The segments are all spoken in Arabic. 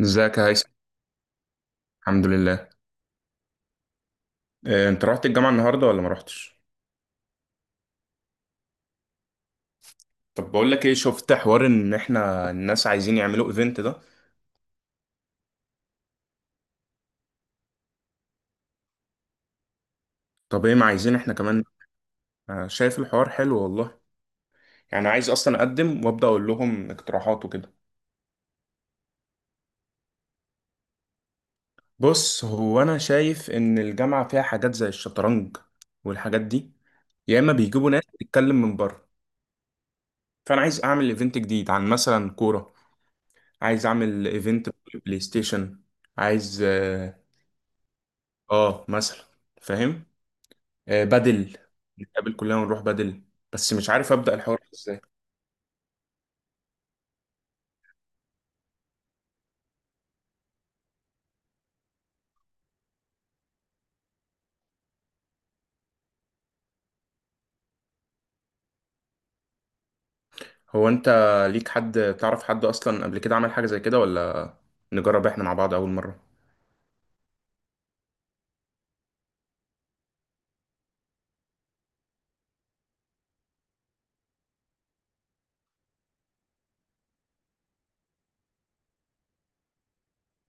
ازيك يا هيثم. الحمد لله. إيه، انت رحت الجامعة النهاردة ولا ما رحتش؟ طب بقول لك ايه، شفت حوار ان احنا الناس عايزين يعملوا ايفنت ده. طب ايه، ما عايزين احنا كمان. شايف الحوار حلو والله. يعني عايز اصلا اقدم وابدا اقول لهم اقتراحات وكده. بص، هو انا شايف ان الجامعة فيها حاجات زي الشطرنج والحاجات دي. يا اما بيجيبوا ناس تتكلم من بره. فانا عايز اعمل ايفنت جديد عن مثلا كوره. عايز اعمل ايفنت بلاي ستيشن. عايز مثلا. فاهم. بدل نتقابل كلنا ونروح بدل. بس مش عارف أبدأ الحوار ازاي. هو انت ليك حد تعرف حد اصلا قبل كده عمل حاجة زي كده، ولا نجرب احنا مع بعض اول مرة؟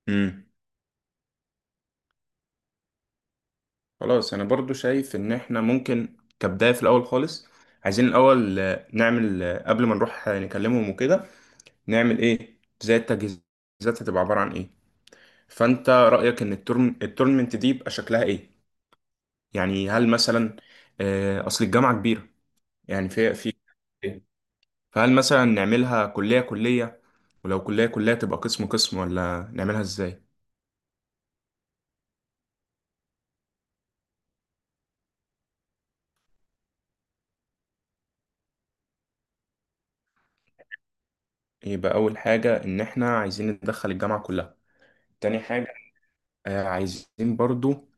امم خلاص، انا برضو شايف ان احنا ممكن كبداية في الاول خالص عايزين الاول نعمل، قبل ما نروح نكلمهم وكده، نعمل ايه زي التجهيزات؟ هتبقى عبارة عن ايه؟ فانت رأيك ان التورنمنت دي يبقى شكلها ايه؟ يعني هل مثلا، اصل الجامعة كبيرة، يعني في في، فهل مثلا نعملها كلية كلية؟ ولو كلية كلية تبقى قسم قسم، ولا نعملها ازاي؟ يبقى أول حاجة إن إحنا عايزين ندخل الجامعة كلها. تاني حاجة، عايزين برضو،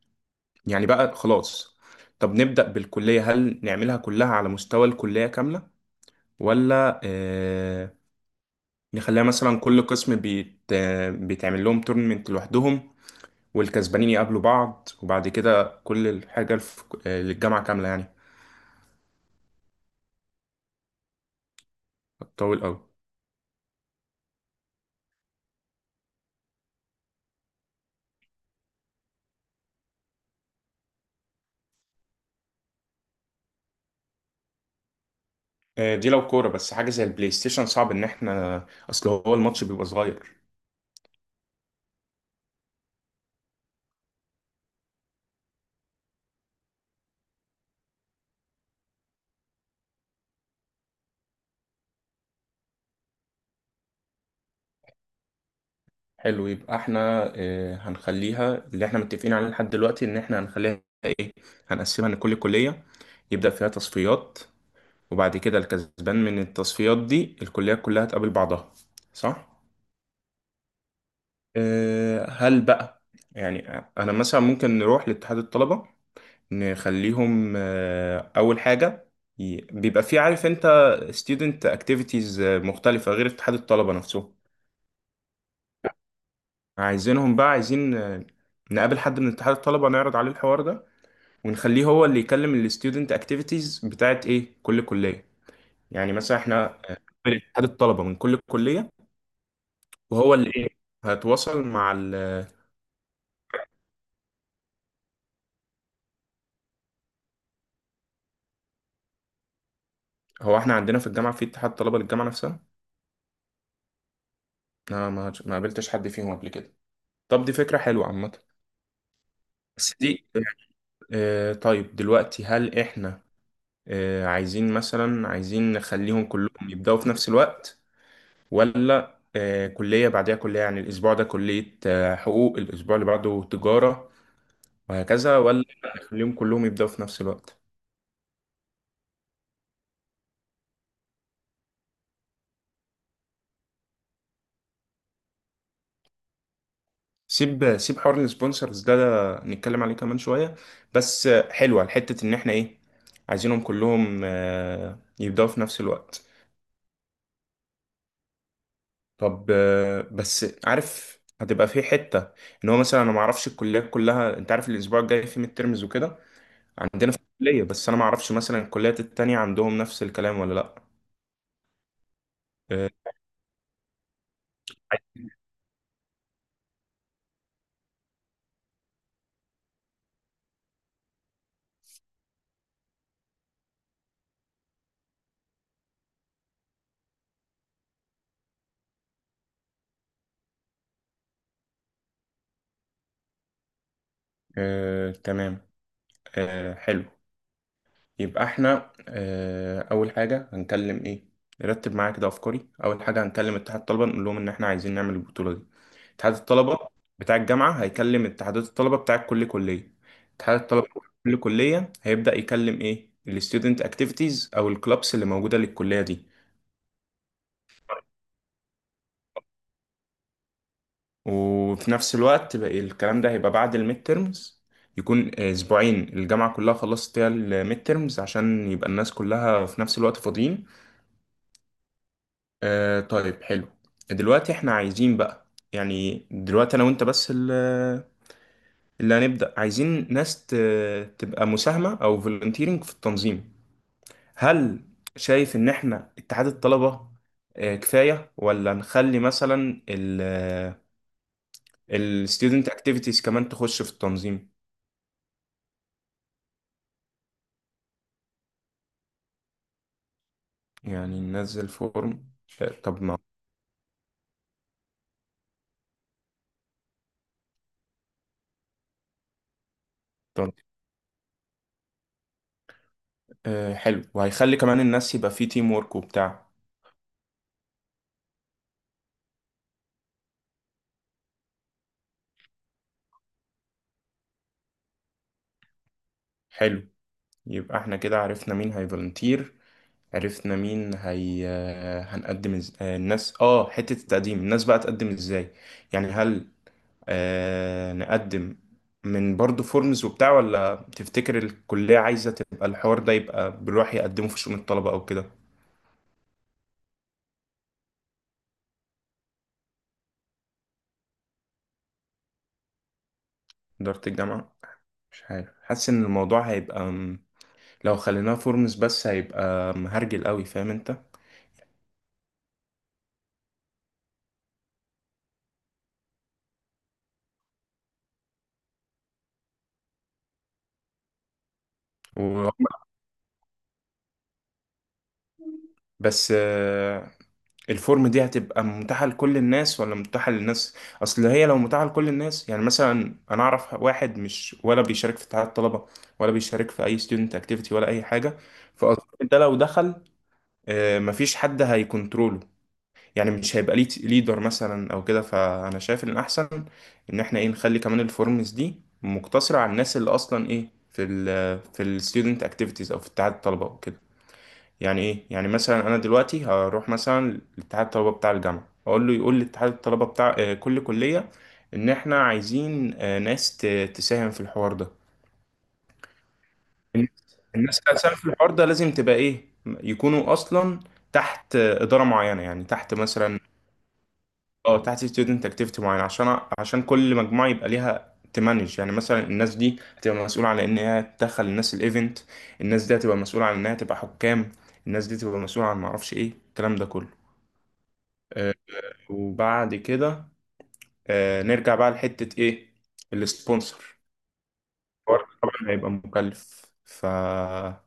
يعني بقى خلاص، طب نبدأ بالكلية. هل نعملها كلها على مستوى الكلية كاملة، ولا نخليها مثلا كل قسم بيتعمل لهم تورنمنت لوحدهم والكسبانين يقابلوا بعض، وبعد كده كل الحاجة للجامعة كاملة يعني؟ هتطول أوي. دي لو كورة، بس حاجة زي البلاي ستيشن صعب ان احنا، اصل هو الماتش بيبقى صغير. حلو، يبقى احنا هنخليها اللي احنا متفقين عليه لحد دلوقتي، ان احنا هنخليها ايه، هنقسمها ان كل كلية يبدأ فيها تصفيات، وبعد كده الكسبان من التصفيات دي الكليات كلها تقابل بعضها، صح؟ هل بقى، يعني انا مثلا ممكن نروح لاتحاد الطلبة نخليهم، اول حاجه، بيبقى في، عارف انت، student activities مختلفه غير اتحاد الطلبه نفسهم. عايزينهم بقى، عايزين نقابل حد من اتحاد الطلبه نعرض عليه الحوار ده ونخليه هو اللي يكلم ال student activities بتاعت ايه كل كليه، يعني مثلا احنا نقابل اتحاد الطلبه من كل كليه وهو اللي ايه، هتواصل مع ال. هو احنا عندنا في الجامعه في اتحاد طلبه للجامعه نفسها. انا ما قابلتش حد فيهم قبل كده. طب دي فكره حلوه عامه، بس دي، طيب دلوقتي هل احنا عايزين مثلا، عايزين نخليهم كلهم يبدأوا في نفس الوقت، ولا كلية بعدها كلية؟ يعني الأسبوع ده كلية حقوق، الأسبوع اللي بعده تجارة وهكذا، ولا نخليهم كلهم يبدأوا في نفس الوقت؟ سيب سيب حوار السبونسرز ده, نتكلم عليه كمان شوية. بس حلوة الحتة إن احنا إيه، عايزينهم كلهم يبدأوا في نفس الوقت. طب بس عارف هتبقى في حته، ان هو مثلا انا ما اعرفش الكليات كلها، انت عارف الاسبوع الجاي في ميد ترمز وكده عندنا في الكليه، بس انا ما اعرفش مثلا الكليات التانية عندهم نفس الكلام ولا لا. آه، تمام، حلو. يبقى احنا اول حاجه هنكلم ايه، نرتب معايا كده افكاري، اول حاجه هنكلم اتحاد الطلبه نقول لهم ان احنا عايزين نعمل البطوله دي. اتحاد الطلبه بتاع الجامعه هيكلم اتحادات الطلبه بتاع كل كليه. اتحاد الطلبه بتاع كل كليه هيبدأ يكلم ايه الستودنت اكتيفيتيز او الكلابس اللي موجوده للكليه دي. وفي نفس الوقت بقى الكلام ده هيبقى بعد الميد تيرمز، يكون اسبوعين الجامعه كلها خلصت فيها الميد تيرمز عشان يبقى الناس كلها في نفس الوقت فاضيين. طيب، حلو، دلوقتي احنا عايزين بقى، يعني دلوقتي انا وانت بس اللي هنبدأ، عايزين ناس تبقى مساهمة او فولنتيرنج في التنظيم. هل شايف ان احنا اتحاد الطلبة كفاية، ولا نخلي مثلا الستودنت اكتيفيتيز كمان تخش في التنظيم؟ يعني ننزل فورم. طب ما، حلو، وهيخلي كمان الناس يبقى في تيم وورك وبتاع. حلو، يبقى احنا كده عرفنا مين هيفولنتير، عرفنا مين هي. هنقدم إز... آه، الناس، حتة التقديم، الناس بقى تقدم ازاي؟ يعني هل نقدم من برضو فورمز وبتاع، ولا تفتكر الكلية عايزة تبقى الحوار ده يبقى بيروح يقدمه في شؤون الطلبة او كده؟ إدارة الجامعة، مش عارف، حاسس ان الموضوع هيبقى لو خليناه فورمز بس هيبقى مهرجل قوي، فاهم انت؟ و... بس الفورم دي هتبقى متاحة لكل الناس، ولا متاحة للناس؟ اصل هي لو متاحة لكل الناس، يعني مثلا انا اعرف واحد مش ولا بيشارك في اتحاد الطلبة، ولا بيشارك في اي ستودنت اكتيفيتي ولا اي حاجة. فاظن ده لو دخل مفيش حد هيكونتروله، يعني مش هيبقى ليه ليدر مثلا او كده. فانا شايف ان الاحسن ان احنا ايه نخلي كمان الفورمز دي مقتصرة على الناس اللي اصلا ايه في ال، في الستودنت اكتيفيتيز او في اتحاد الطلبة وكده. يعني ايه، يعني مثلا انا دلوقتي هروح مثلا لاتحاد الطلبه بتاع الجامعه اقول له يقول لاتحاد الطلبه بتاع كل كليه ان احنا عايزين ناس تساهم في الحوار ده. الناس اللي هتساهم في الحوار ده لازم تبقى ايه، يكونوا اصلا تحت اداره معينه، يعني تحت مثلا، اه تحت ستودنت اكتيفيتي معين، عشان كل مجموعه يبقى ليها تمانج، يعني مثلا الناس دي هتبقى مسؤوله على ان هي تدخل الناس الايفنت، الناس دي هتبقى مسؤوله على انها تبقى حكام، الناس دي تبقى مسؤوله عن معرفش ايه الكلام ده كله. آه، وبعد كده نرجع بقى لحتة ايه، السبونسر. الحوار طبعا هيبقى مكلف، فانت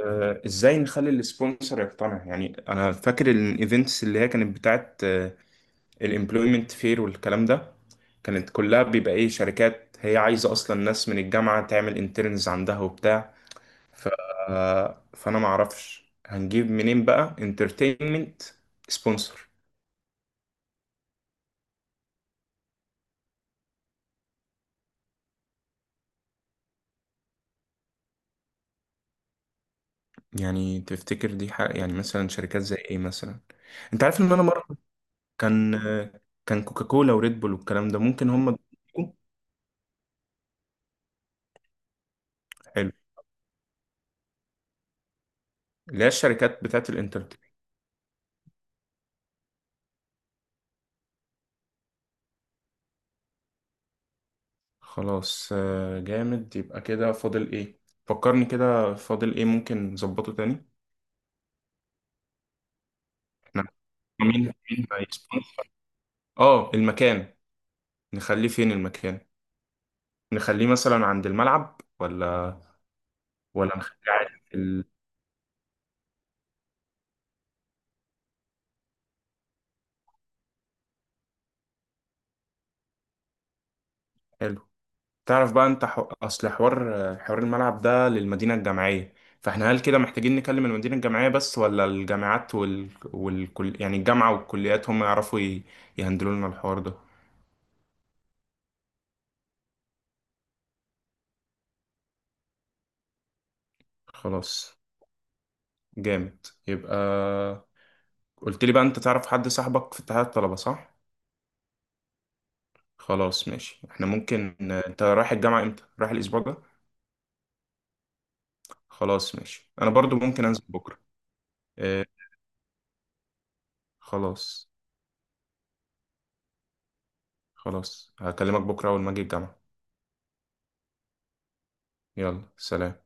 ازاي نخلي السبونسر يقتنع؟ يعني انا فاكر الايفنتس اللي هي كانت بتاعت الامبلويمنت فير والكلام ده، كانت كلها بيبقى ايه، شركات هي عايزة اصلا ناس من الجامعة تعمل انترنز عندها وبتاع. ف... فانا معرفش هنجيب منين بقى انترتينمنت سبونسر. يعني تفتكر دي حق، يعني مثلا شركات زي ايه مثلا؟ انت عارف ان انا مره كان كان كوكاكولا وريد بول والكلام ده ممكن هم يكون. حلو. اللي هي الشركات بتاعت الانترتين. خلاص جامد، يبقى كده فاضل ايه؟ فكرني كده فاضل ايه ممكن نظبطه تاني. احنا مين مين هيسبونسر؟ اه المكان، نخليه فين المكان؟ نخليه مثلا عند الملعب، ولا، ولا نخليه عادي في ال... حلو. تعرف بقى انت اصل حوار الملعب ده للمدينة الجامعية، فاحنا هل كده محتاجين نكلم المدينة الجامعية بس، ولا الجامعات وال... والكل، يعني الجامعة والكليات هم يعرفوا يهندلوا لنا الحوار ده؟ خلاص، جامد يبقى. قلت لي بقى انت تعرف حد صاحبك في اتحاد الطلبة، صح؟ خلاص ماشي، احنا ممكن، انت رايح الجامعة امتى، رايح الاسبوع ده؟ خلاص ماشي، انا برضو ممكن انزل بكرة. اه... خلاص. خلاص هكلمك بكرة اول ما اجي الجامعة. يلا سلام.